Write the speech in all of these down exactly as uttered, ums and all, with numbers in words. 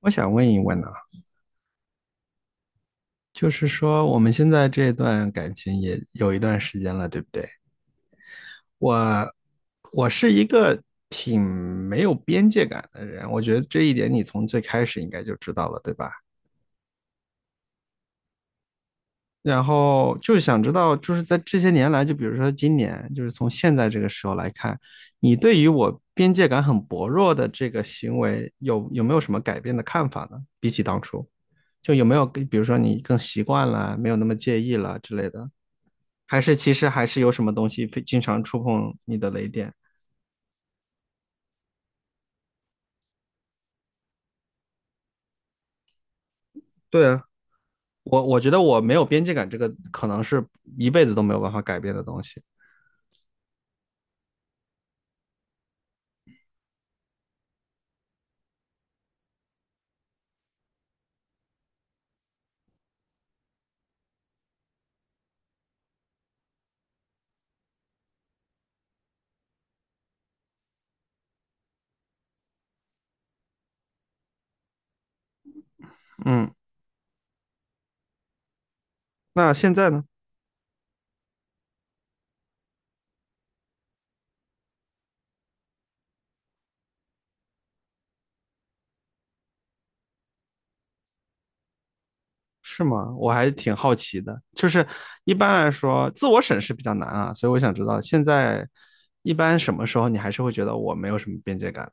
我想问一问呢、就是说我们现在这段感情也有一段时间了，对不对？我我是一个挺没有边界感的人，我觉得这一点你从最开始应该就知道了，对吧？然后就想知道，就是在这些年来，就比如说今年，就是从现在这个时候来看，你对于我边界感很薄弱的这个行为有有没有什么改变的看法呢？比起当初，就有没有，比如说你更习惯了，没有那么介意了之类的？还是其实还是有什么东西非经常触碰你的雷点？对啊，我我觉得我没有边界感，这个可能是一辈子都没有办法改变的东西。嗯，那现在呢？是吗？我还挺好奇的，就是一般来说，自我审视比较难啊，所以我想知道现在一般什么时候你还是会觉得我没有什么边界感的。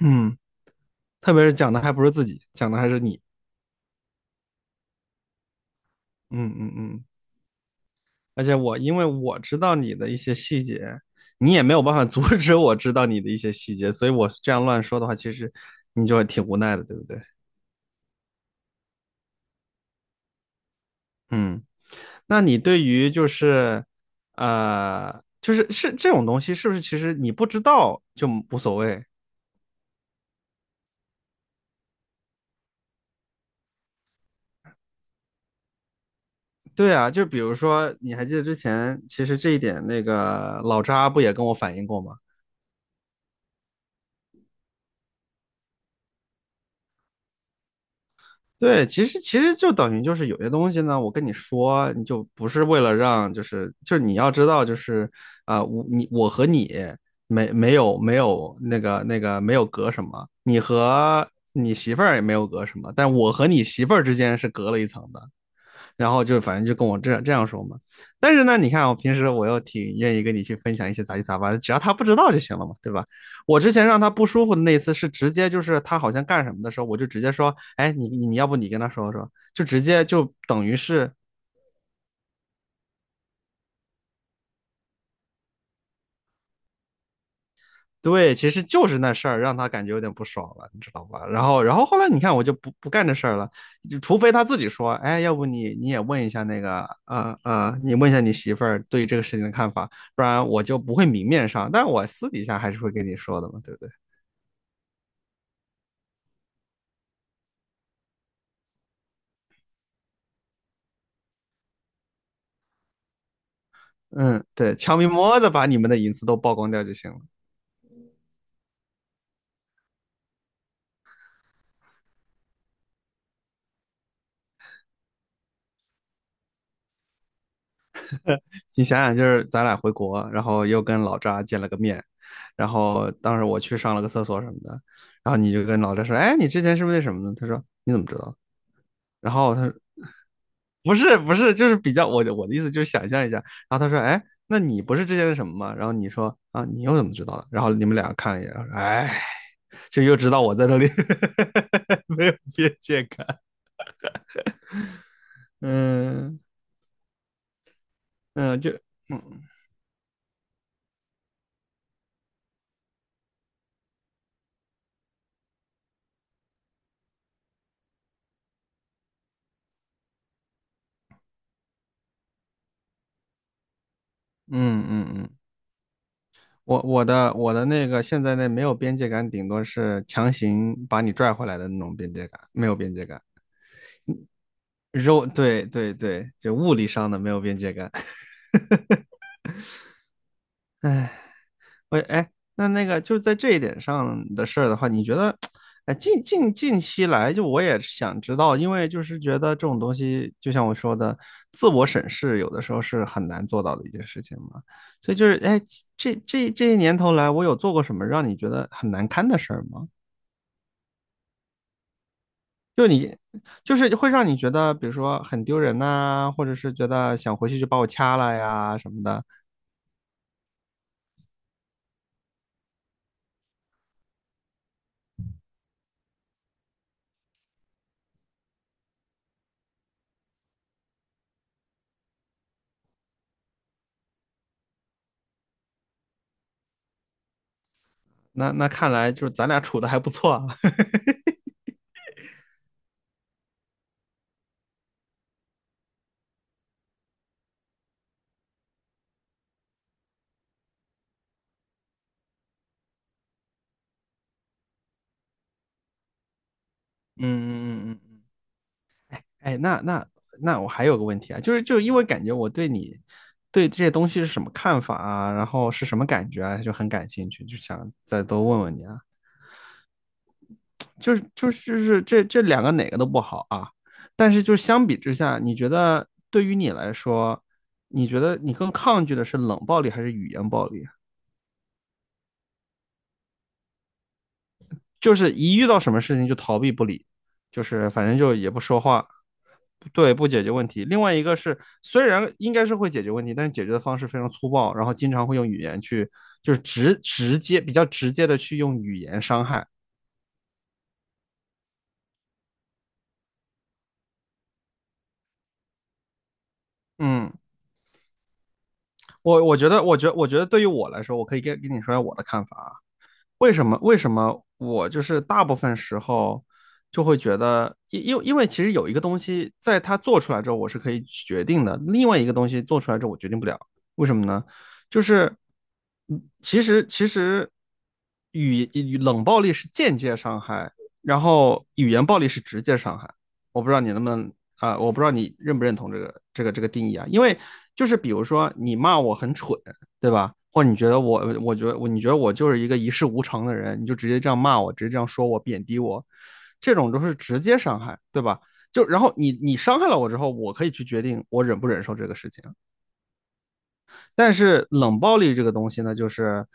嗯，特别是讲的还不是自己，讲的还是你。嗯嗯嗯，而且我因为我知道你的一些细节，你也没有办法 阻止我知道你的一些细节，所以我这样乱说的话，其实你就挺无奈的，对不对？嗯，那你对于就是呃，就是是这种东西，是不是其实你不知道就无所谓？对啊，就比如说，你还记得之前，其实这一点那个老扎不也跟我反映过吗？对，其实其实就等于就是有些东西呢，我跟你说，你就不是为了让，就是就是你要知道，就是啊、呃我你我和你没没有没有那个那个没有隔什么，你和你媳妇儿也没有隔什么，但我和你媳妇儿之间是隔了一层的。然后就反正就跟我这这样说嘛。但是呢，你看我平时我又挺愿意跟你去分享一些杂七杂八的，只要他不知道就行了嘛，对吧？我之前让他不舒服的那一次是直接就是他好像干什么的时候，我就直接说，哎，你你要不你跟他说说，就直接就等于是对，其实就是那事儿让他感觉有点不爽了，你知道吧？然后，然后后来你看，我就不不干这事儿了，就除非他自己说，哎，要不你你也问一下那个，呃呃，你问一下你媳妇儿对于这个事情的看法，不然我就不会明面上，但我私底下还是会跟你说的嘛，对不对？嗯，对，悄咪摸的把你们的隐私都曝光掉就行了。你想想，就是咱俩回国，然后又跟老扎见了个面，然后当时我去上了个厕所什么的，然后你就跟老扎说，哎，你之前是不是那什么呢？他说你怎么知道？然后他说不是不是，就是比较我我的意思就是想象一下。然后他说，哎，那你不是之前的什么吗？然后你说啊，你又怎么知道的？然后你们俩看了一眼，哎，就又知道我在那里 没有边界感。嗯嗯，就嗯嗯嗯嗯，我我的我的那个现在那没有边界感，顶多是强行把你拽回来的那种边界感，没有边界感。肉，对对对，就物理上的没有边界感。我哎，那那个就是在这一点上的事儿的话，你觉得，哎，近近近期来，就我也想知道，因为就是觉得这种东西，就像我说的，自我审视有的时候是很难做到的一件事情嘛。所以就是，哎，这这这些年头来，我有做过什么让你觉得很难堪的事儿吗？就你，就是会让你觉得，比如说很丢人呐、或者是觉得想回去就把我掐了呀什么的。那那看来就是咱俩处的还不错啊。嗯嗯嗯嗯。哎，那那那我还有个问题啊，就是就是因为感觉我对你对这些东西是什么看法啊，然后是什么感觉啊，就很感兴趣，就想再多问问你啊。就是就是就是这这两个哪个都不好啊，但是就相比之下，你觉得对于你来说，你觉得你更抗拒的是冷暴力还是语言暴力啊？就是一遇到什么事情就逃避不理，就是反正就也不说话，对，不解决问题。另外一个是，虽然应该是会解决问题，但是解决的方式非常粗暴，然后经常会用语言去，就是直直接比较直接的去用语言伤害。嗯，我我觉得，我觉得我觉得对于我来说，我可以跟跟你说一下我的看法啊，为什么？为什么我就是大部分时候就会觉得，因因为因为其实有一个东西，在它做出来之后，我是可以决定的；另外一个东西做出来之后，我决定不了。为什么呢？就是，嗯其实其实语语冷暴力是间接伤害，然后语言暴力是直接伤害。我不知道你能不能啊、呃我不知道你认不认同这个这个这个定义啊？因为就是比如说你骂我很蠢，对吧？或者你觉得我，我觉得我，你觉得我就是一个一事无成的人，你就直接这样骂我，直接这样说我，贬低我，这种都是直接伤害，对吧？就然后你你伤害了我之后，我可以去决定我忍不忍受这个事情。但是冷暴力这个东西呢，就是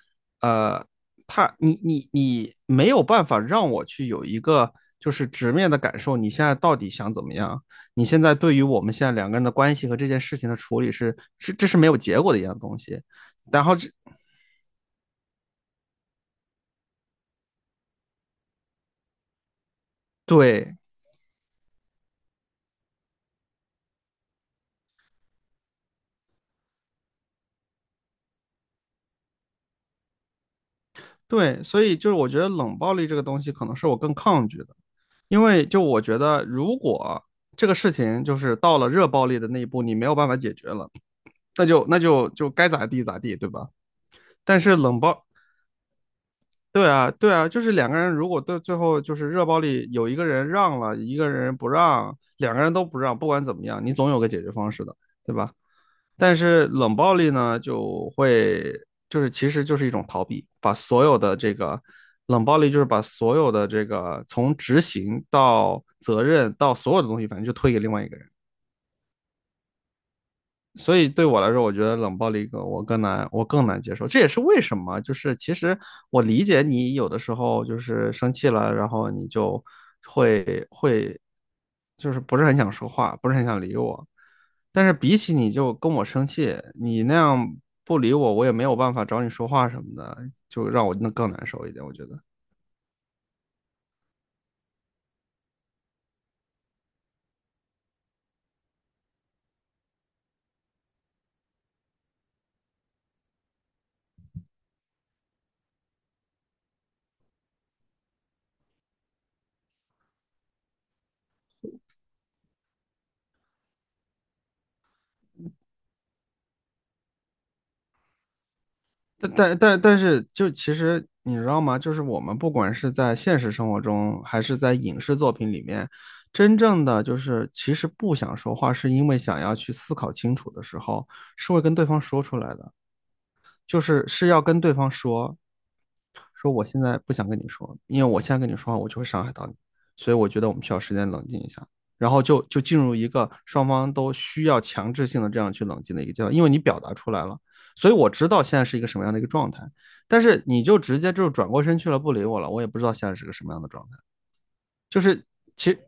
呃，他你你你没有办法让我去有一个就是直面的感受，你现在到底想怎么样？你现在对于我们现在两个人的关系和这件事情的处理是，这这是没有结果的一样东西。然后这对，对，所以就是我觉得冷暴力这个东西可能是我更抗拒的，因为就我觉得如果这个事情就是到了热暴力的那一步，你没有办法解决了，那就那就就该咋地咋地，对吧？但是冷暴，对啊，对啊，就是两个人如果对最后就是热暴力有一个人让了，一个人不让，两个人都不让，不管怎么样，你总有个解决方式的，对吧？但是冷暴力呢，就会就是其实就是一种逃避，把所有的这个冷暴力就是把所有的这个从执行到责任到所有的东西，反正就推给另外一个人。所以对我来说，我觉得冷暴力更我更难，我更难接受。这也是为什么，就是其实我理解你有的时候就是生气了，然后你就就是不是很想说话，不是很想理我。但是比起你就跟我生气，你那样不理我，我也没有办法找你说话什么的，就让我那更难受一点。我觉得，但但但但是，就其实你知道吗？就是我们不管是在现实生活中，还是在影视作品里面，真正的就是其实不想说话，是因为想要去思考清楚的时候，是会跟对方说出来的，就是是要跟对方说，说我现在不想跟你说，因为我现在跟你说话，我就会伤害到你，所以我觉得我们需要时间冷静一下。然后就就进入一个双方都需要强制性的这样去冷静的一个阶段，因为你表达出来了，所以我知道现在是一个什么样的一个状态。但是你就直接就转过身去了，不理我了，我也不知道现在是个什么样的状态。就是其实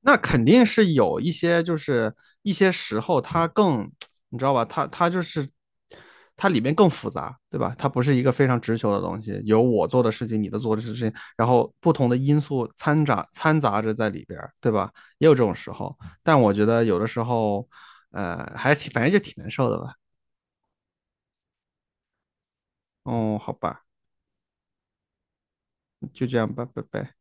那肯定是有一些，就是一些时候它更，你知道吧？它它就是它里面更复杂，对吧？它不是一个非常直球的东西，有我做的事情，你的做的事情，然后不同的因素掺杂掺杂着在里边对吧？也有这种时候，但我觉得有的时候，呃，还是反正就挺难受的吧。哦，好吧，就这样吧，拜拜。